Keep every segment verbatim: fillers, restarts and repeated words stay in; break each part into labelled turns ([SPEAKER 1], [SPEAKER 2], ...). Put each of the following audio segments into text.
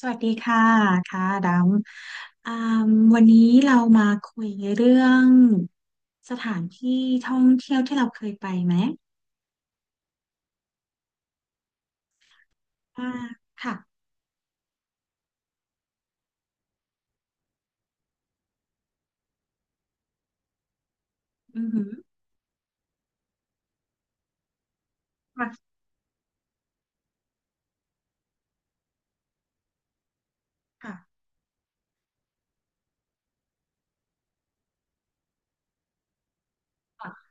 [SPEAKER 1] สวัสดีค่ะค่ะดำอ่ามวันนี้เรามาคุยเรื่องสถานที่ท่องเที่ยวที่เราเคยไปไหมอ่าค่ะอือหือค่ะค่ะค่ะ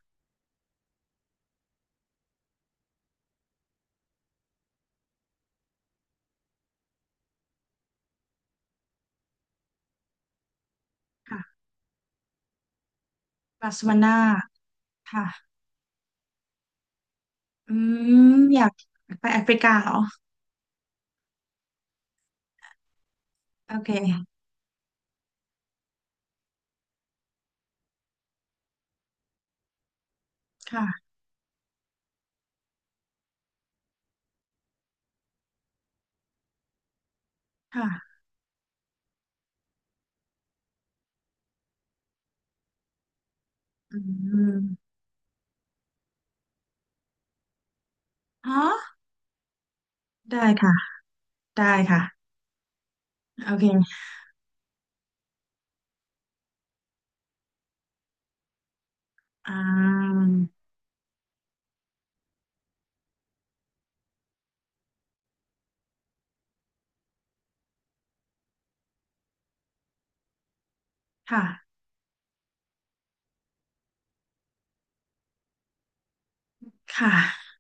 [SPEAKER 1] ค่ะบาร์เซโลนาค่ะอืมอยากไปแอฟริกาเหรอโอเคค่ะค่ะอืมอ๋อได้ค่ะได้ค่ะโอเคอ่าค่ะค่ะ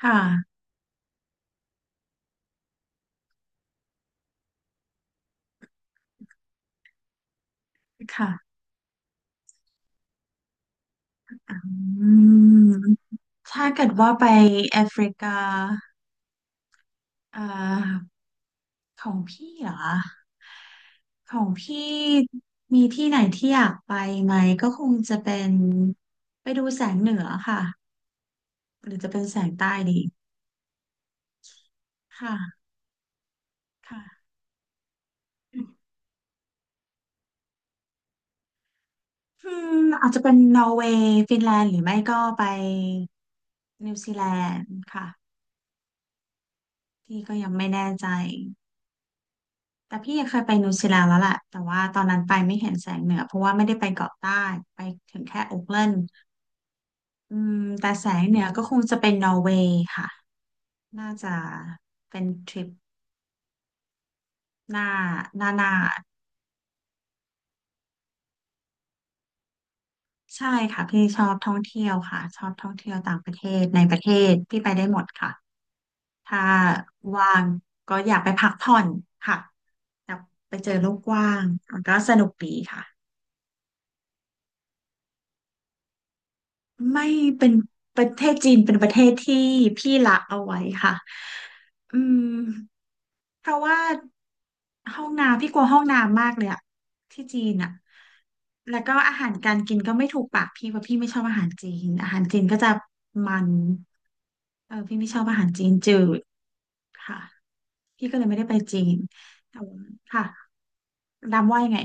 [SPEAKER 1] ค่ะค่ะ อืมถ้าเกิดว่าไปแอฟริกาเอ่อของพี่เหรอของพี่มีที่ไหนที่อยากไปไหมก็คงจะเป็นไปดูแสงเหนือค่ะหรือจะเป็นแสงใต้ดีค่ะค่ะอืมอาจจะเป็นนอร์เวย์ฟินแลนด์หรือไม่ก็ไปนิวซีแลนด์ค่ะที่ก็ยังไม่แน่ใจ แต่พี่เคยไปนิวซีแลนด์แล้วแหละแต่ว่าตอนนั้นไปไม่เห็นแสงเหนือเพราะว่าไม่ได้ไปเกาะใต้ไปถึงแค่โอ๊กแลนด์อืมแต่แสงเหนือก็คงจะเป็นนอร์เวย์ค่ะน่าจะเป็นทริปหน้าหน้าหน้าใช่ค่ะพี่ชอบท่องเที่ยวค่ะชอบท่องเที่ยวต่างประเทศในประเทศพี่ไปได้หมดค่ะถ้าว่างก็อยากไปพักผ่อนค่ะอยากไปเจอโลกกว้างมันก็สนุกดีค่ะ ไม่เป็นประเทศจีนเป็นประเทศที่พี่ละเอาไว้ค่ะอืมเพราะว่าห้องน้ำพี่กลัวห้องน้ำมากเลยอะที่จีนอะแล้วก็อาหารการกินก็ไม่ถูกปากพี่เพราะพี่ไม่ชอบอาหารจีนอาหารจีนก็จะมันเออพี่ไม่ชอบอาหารจีนจืดค่ะพี่ก็เลยไม่ได้ไปจีนแต่ว่าค่ะดำว่ายังไง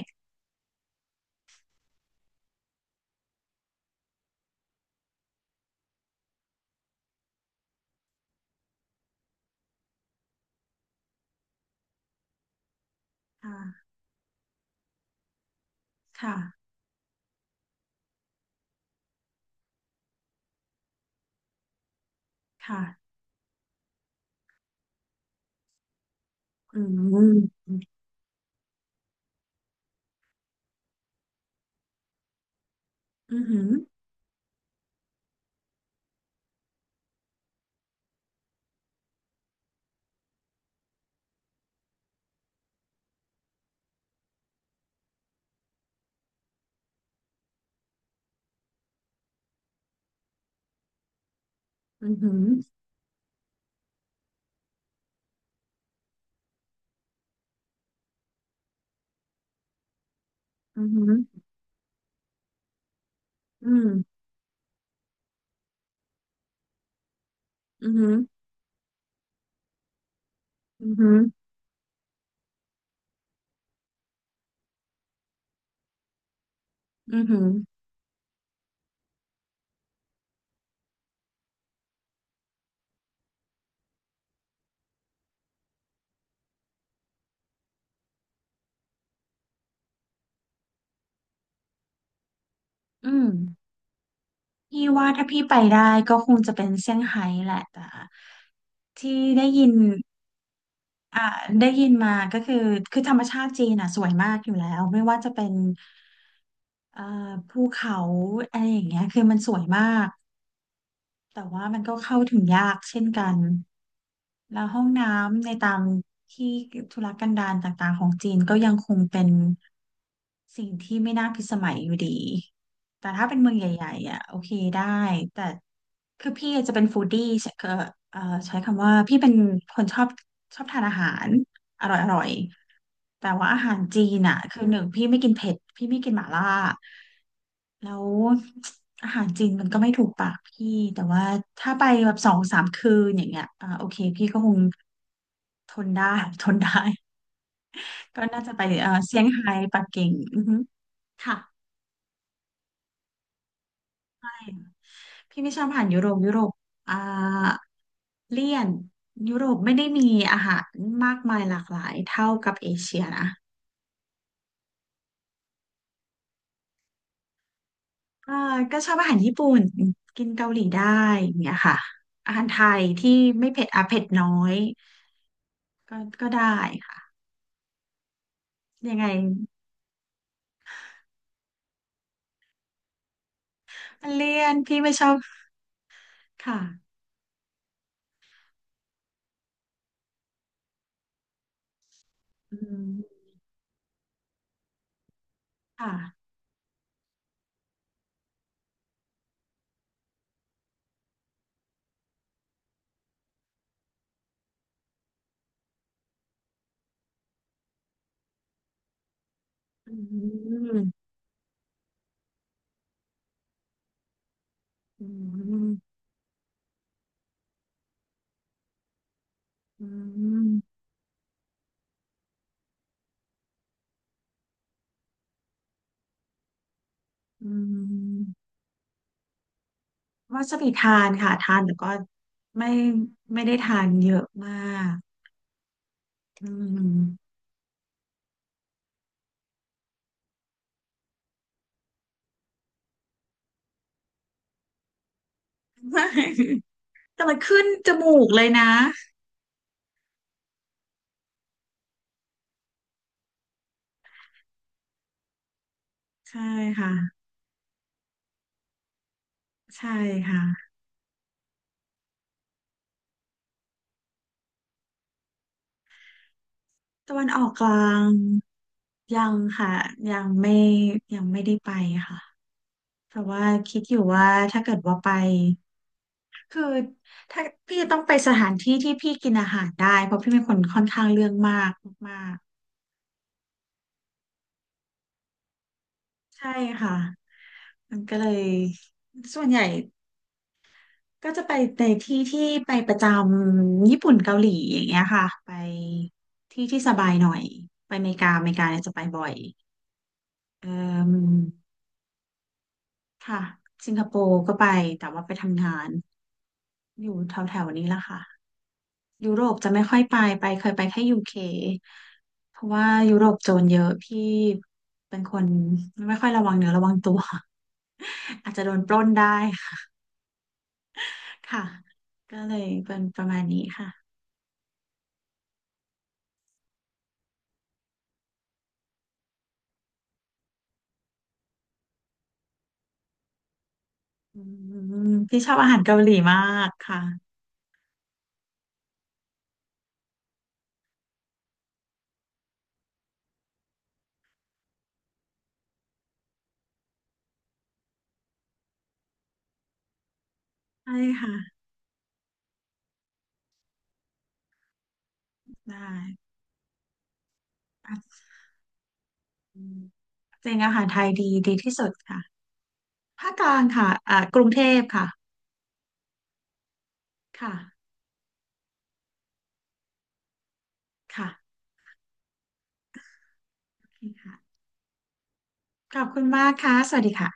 [SPEAKER 1] ค่ะค่ะค่ะอืมอืมอืมอหืมห อือหืออืมอือหืออือหืออือหืออืมพี่ว่าถ้าพี่ไปได้ก็คงจะเป็นเซี่ยงไฮ้แหละแต่ที่ได้ยินอ่าได้ยินมาก็คือคือธรรมชาติจีนอ่ะสวยมากอยู่แล้วไม่ว่าจะเป็นเอ่อภูเขาอะไรอย่างเงี้ยคือมันสวยมาก แต่ว่ามันก็เข้าถึงยากเช่นกันแล้วห้องน้ำในตามที่ธุรกันดารต่างๆของจีนก็ยังคงเป็นสิ่งที่ไม่น่าพิสมัยอยู่ดี แต่ถ้าเป็นเมืองใหญ่ๆอ่ะโอเคได้แต่คือพี่จะเป็นฟู้ดดี้ใช้เอ่อเอ่อใช้คำว่าพี่เป็นคนชอบชอบทานอาหารอร่อยๆแต่ว่าอาหารจีนอ่ะคือหนึ่งพี่ไม่กินเผ็ดพี่ไม่กินหม่าล่าแล้วอาหารจีนมันก็ไม่ถูกปากพี่แต่ว่าถ้าไปแบบสองสามคืนอย่างเงี้ยอ่าโอเคพี่ก็คงทนได้ ทนได้ก็น่าจะไปเอ่อเซี่ยงไฮ้ปักกิ่งอือฮึค่ะ พี่ไม่ชอบอาหารยุโรปยุโรปอ่าเลี่ยนยุโรปไม่ได้มีอาหารมากมายหลากหลายเท่ากับเอเชียนะอ่าก็ชอบอาหารญี่ปุ่นกินเกาหลีได้อย่างเนี่ยค่ะอาหารไทยที่ไม่เผ็ดอ่ะเผ็ดน้อยก็ก็ได้ค่ะยังไงมันเลี่ยนพี่ไม่ชอบค่ะอืมค่ะอืมอืมอืมอืมอืม วาซาบิทานค่ะทานแต่ก็ไม่ไม่ได้ทานเยอะมากอืม ไม่ แต่มันขึ้นจมูกเลยนะใช่ค่ะใช่ค่ะตะวันออกกลางยังค่ะยังไม่ยังไม่ได้ไปค่ะเพราะว่าคิดอยู่ว่าถ้าเกิดว่าไปคือถ้าพี่จะต้องไปสถานที่ที่พี่กินอาหารได้เพราะพี่เป็นคนค่อนข้างเรื่องมากมากๆใช่ค่ะมันก็เลยส่วนใหญ่ ก็จะไปในที่ที่ไปประจำญี่ปุ่นเกาหลีอย่างเงี้ยค่ะไปที่ที่สบายหน่อยไปอเมริกาอเมริกาเนี่ยจะไปบ่อยเอ่อค่ะสิงคโปร์ก็ไปแต่ว่าไปทำงานอยู่แถวแถวนี้แหละค่ะยุโรปจะไม่ค่อยไปไปเคยไปแค่ยูเคเพราะว่ายุโรปโจรเยอะพี่เป็นคนไม่ค่อยระวังเนื้อระวังตัว อาจจะโดนปล้นได้ค่ะก็เลยเป็นประมาณนี้ค่ะ อืมพี่ชอบอาหารเกาหลีมากค่ะใช่ค่ะได้เ่ะอืมจริงอาหารไทยดีดีที่สุดค่ะภาคกลางค่ะอ่ากรุงเทพค่ะค่ะค่ะโอเคค่ะขอบคุณมากค่ะสวัสดีค่ะ